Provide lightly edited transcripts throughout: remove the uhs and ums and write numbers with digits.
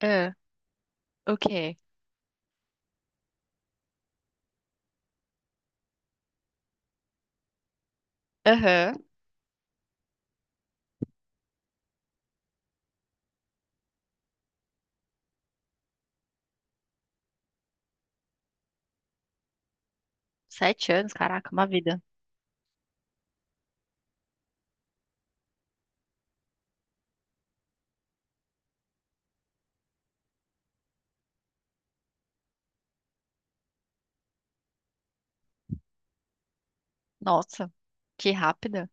Ah, o quê? Aham. 7 anos, caraca, uma vida. Nossa, que rápida.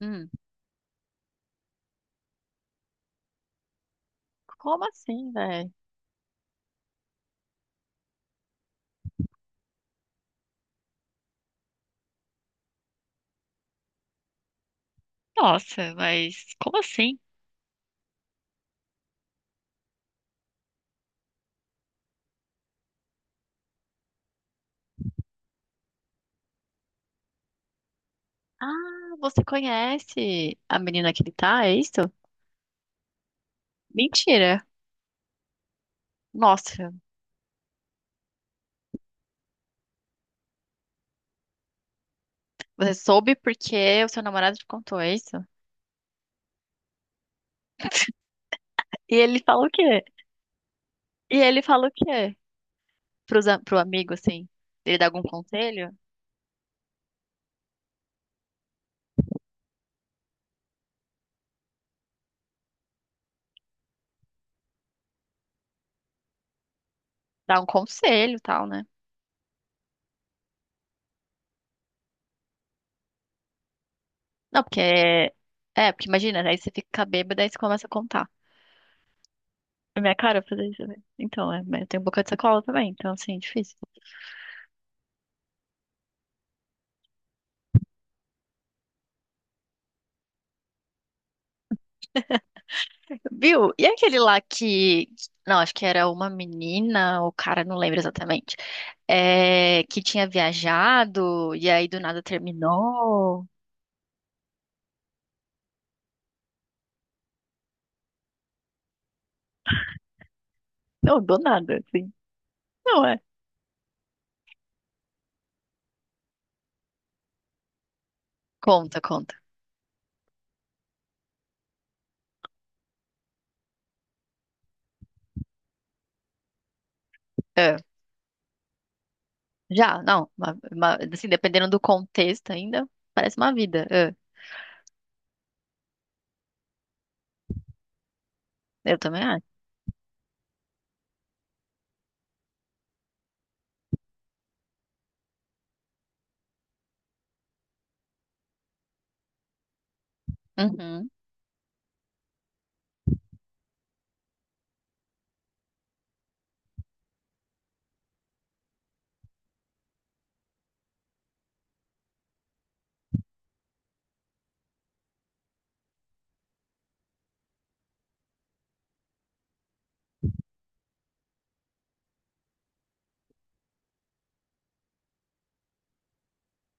Hum, como assim, velho? Nossa, mas como assim? Ah, você conhece a menina que ele tá, é isso? Mentira. Nossa, você soube porque o seu namorado te contou, é isso? E ele fala o quê? E ele fala o quê? Pros, pro amigo, assim? Ele dá algum conselho? Dá um conselho e tal, né? Não, porque... É, é, porque imagina, aí você fica bêbada e você começa a contar. É minha cara fazer isso, né? Então, é, mas eu tenho boca de sacola também, então, assim, é difícil. Viu? E aquele lá que. Não, acho que era uma menina, o cara, não lembro exatamente. É, que tinha viajado e aí do nada terminou. Não, do nada, assim. Não é. Conta, conta. É. Já, não. Assim, dependendo do contexto ainda, parece uma vida. É. Eu também acho. Uhum.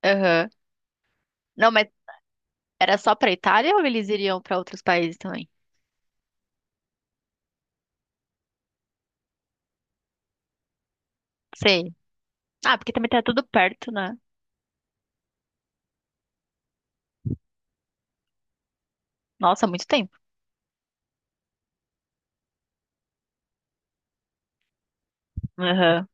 Aham. Não, mas era só pra Itália ou eles iriam pra outros países também? Sei. Ah, porque também tá tudo perto, né? Nossa, muito tempo. Aham.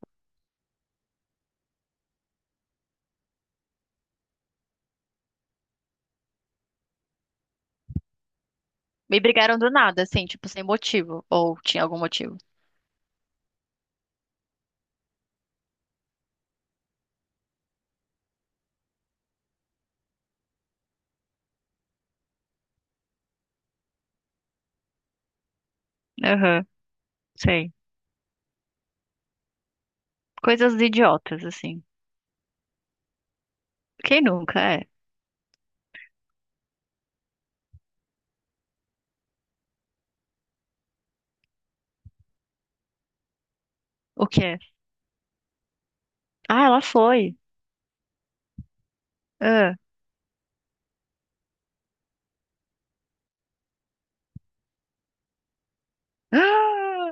Me brigaram do nada, assim, tipo, sem motivo. Ou tinha algum motivo. Aham, sei. Coisas idiotas, assim. Quem nunca é? O quê? Ah, ela foi. Ah. Ah!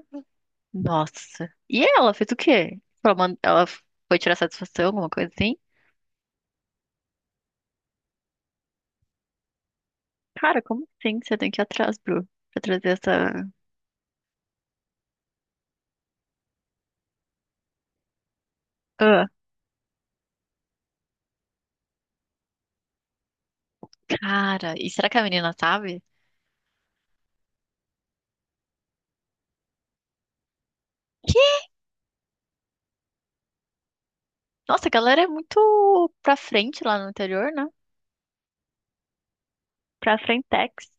Nossa. E ela fez o quê? Ela foi tirar satisfação, alguma coisa assim? Cara, como assim você tem que ir atrás, Bru? Pra trazer essa. Ah. Cara, e será que a menina sabe? Que? Nossa, a galera é muito pra frente lá no interior, né? Pra Frentex.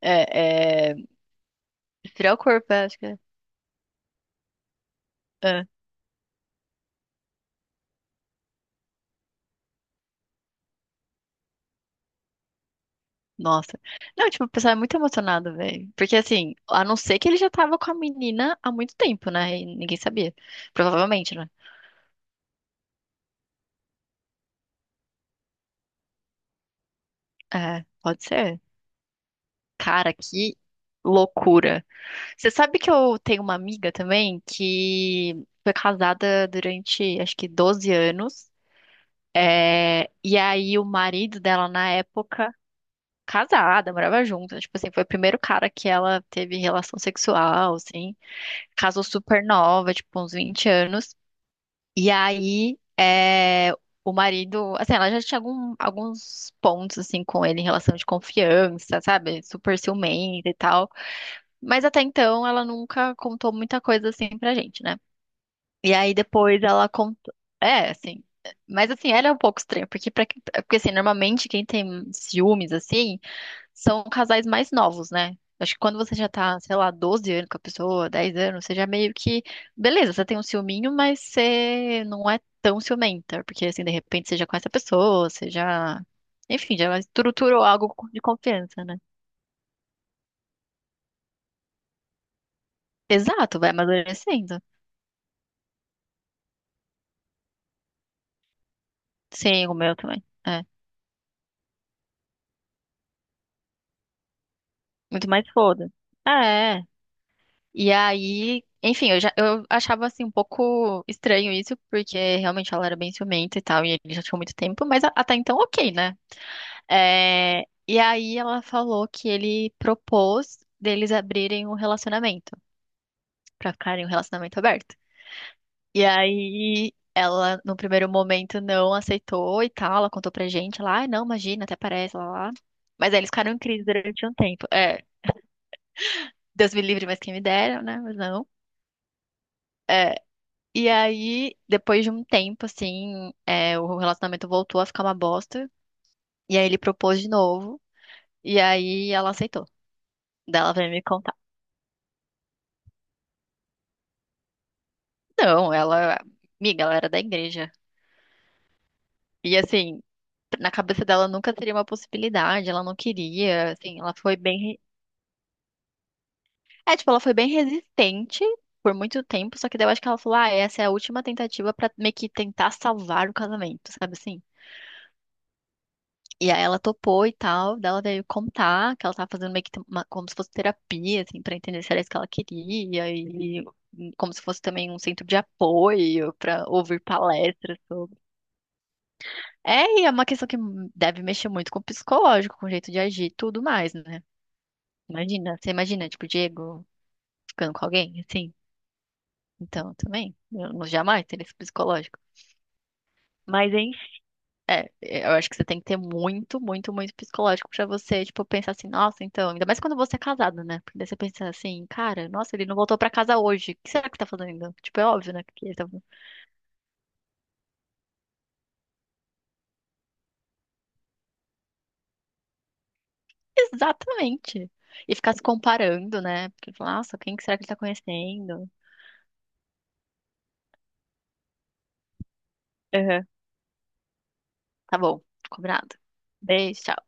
É, é... Esfriar o corpo, é, acho que é. É, nossa. Não, tipo, o pessoal é muito emocionado, velho. Porque, assim, a não ser que ele já tava com a menina há muito tempo, né? E ninguém sabia. Provavelmente, né? É, pode ser. Cara, que loucura. Você sabe que eu tenho uma amiga também que foi casada durante, acho que 12 anos. É, e aí o marido dela, na época, casada, morava junto. Tipo assim, foi o primeiro cara que ela teve relação sexual, assim. Casou super nova, tipo, uns 20 anos. E aí, é, o marido, assim, ela já tinha alguns pontos, assim, com ele em relação de confiança, sabe? Super ciumenta e tal. Mas até então, ela nunca contou muita coisa, assim, pra gente, né? E aí, depois ela contou. É, assim. Mas assim, ela é um pouco estranha, porque, pra... porque assim, normalmente quem tem ciúmes, assim são casais mais novos, né? Acho que quando você já tá, sei lá, 12 anos com a pessoa, 10 anos, você já meio que. Beleza, você tem um ciúminho, mas você não é tão ciumenta. Porque, assim, de repente você já conhece a pessoa, você já. Enfim, já estruturou algo de confiança, né? Exato, vai amadurecendo. Sim, o meu também. É. Muito mais foda. É. E aí, enfim, eu já eu achava assim um pouco estranho isso, porque realmente ela era bem ciumenta e tal, e ele já tinha muito tempo, até então ok, né? É, e aí ela falou que ele propôs deles abrirem um relacionamento, pra ficarem um relacionamento aberto. E aí ela, no primeiro momento, não aceitou e tal, ela contou pra gente lá, ah, não, imagina, até parece, lá, lá. Mas aí eles ficaram em crise durante um tempo. É, Deus me livre, mas quem me dera, né? Mas não. É, e aí, depois de um tempo, assim, é, o relacionamento voltou a ficar uma bosta. E aí ele propôs de novo. E aí ela aceitou. Daí ela veio me contar. Não, ela, amiga, ela era da igreja. E assim, na cabeça dela nunca seria uma possibilidade, ela não queria, assim, ela foi é, tipo, ela foi bem resistente por muito tempo, só que daí eu acho que ela falou, ah, essa é a última tentativa pra meio que tentar salvar o casamento, sabe assim? E aí ela topou e tal, daí ela veio contar que ela tava fazendo meio que como se fosse terapia, assim, pra entender se era isso que ela queria e como se fosse também um centro de apoio pra ouvir palestras. É, e é uma questão que deve mexer muito com o psicológico, com o jeito de agir, e tudo mais, né? Imagina, você imagina, tipo, o Diego ficando com alguém, assim. Então, também, eu não jamais teria esse psicológico. Mas, enfim, eu acho que você tem que ter muito, muito, muito psicológico pra você, tipo, pensar assim, nossa, então, ainda mais quando você é casado, né? Porque daí você pensa assim, cara, nossa, ele não voltou pra casa hoje, o que será que tá fazendo? Tipo, é óbvio, né? Que ele tá... Exatamente. E ficar se comparando, né? Porque, nossa, quem que será que ele tá conhecendo? Tá bom, combinado. Beijo, tchau.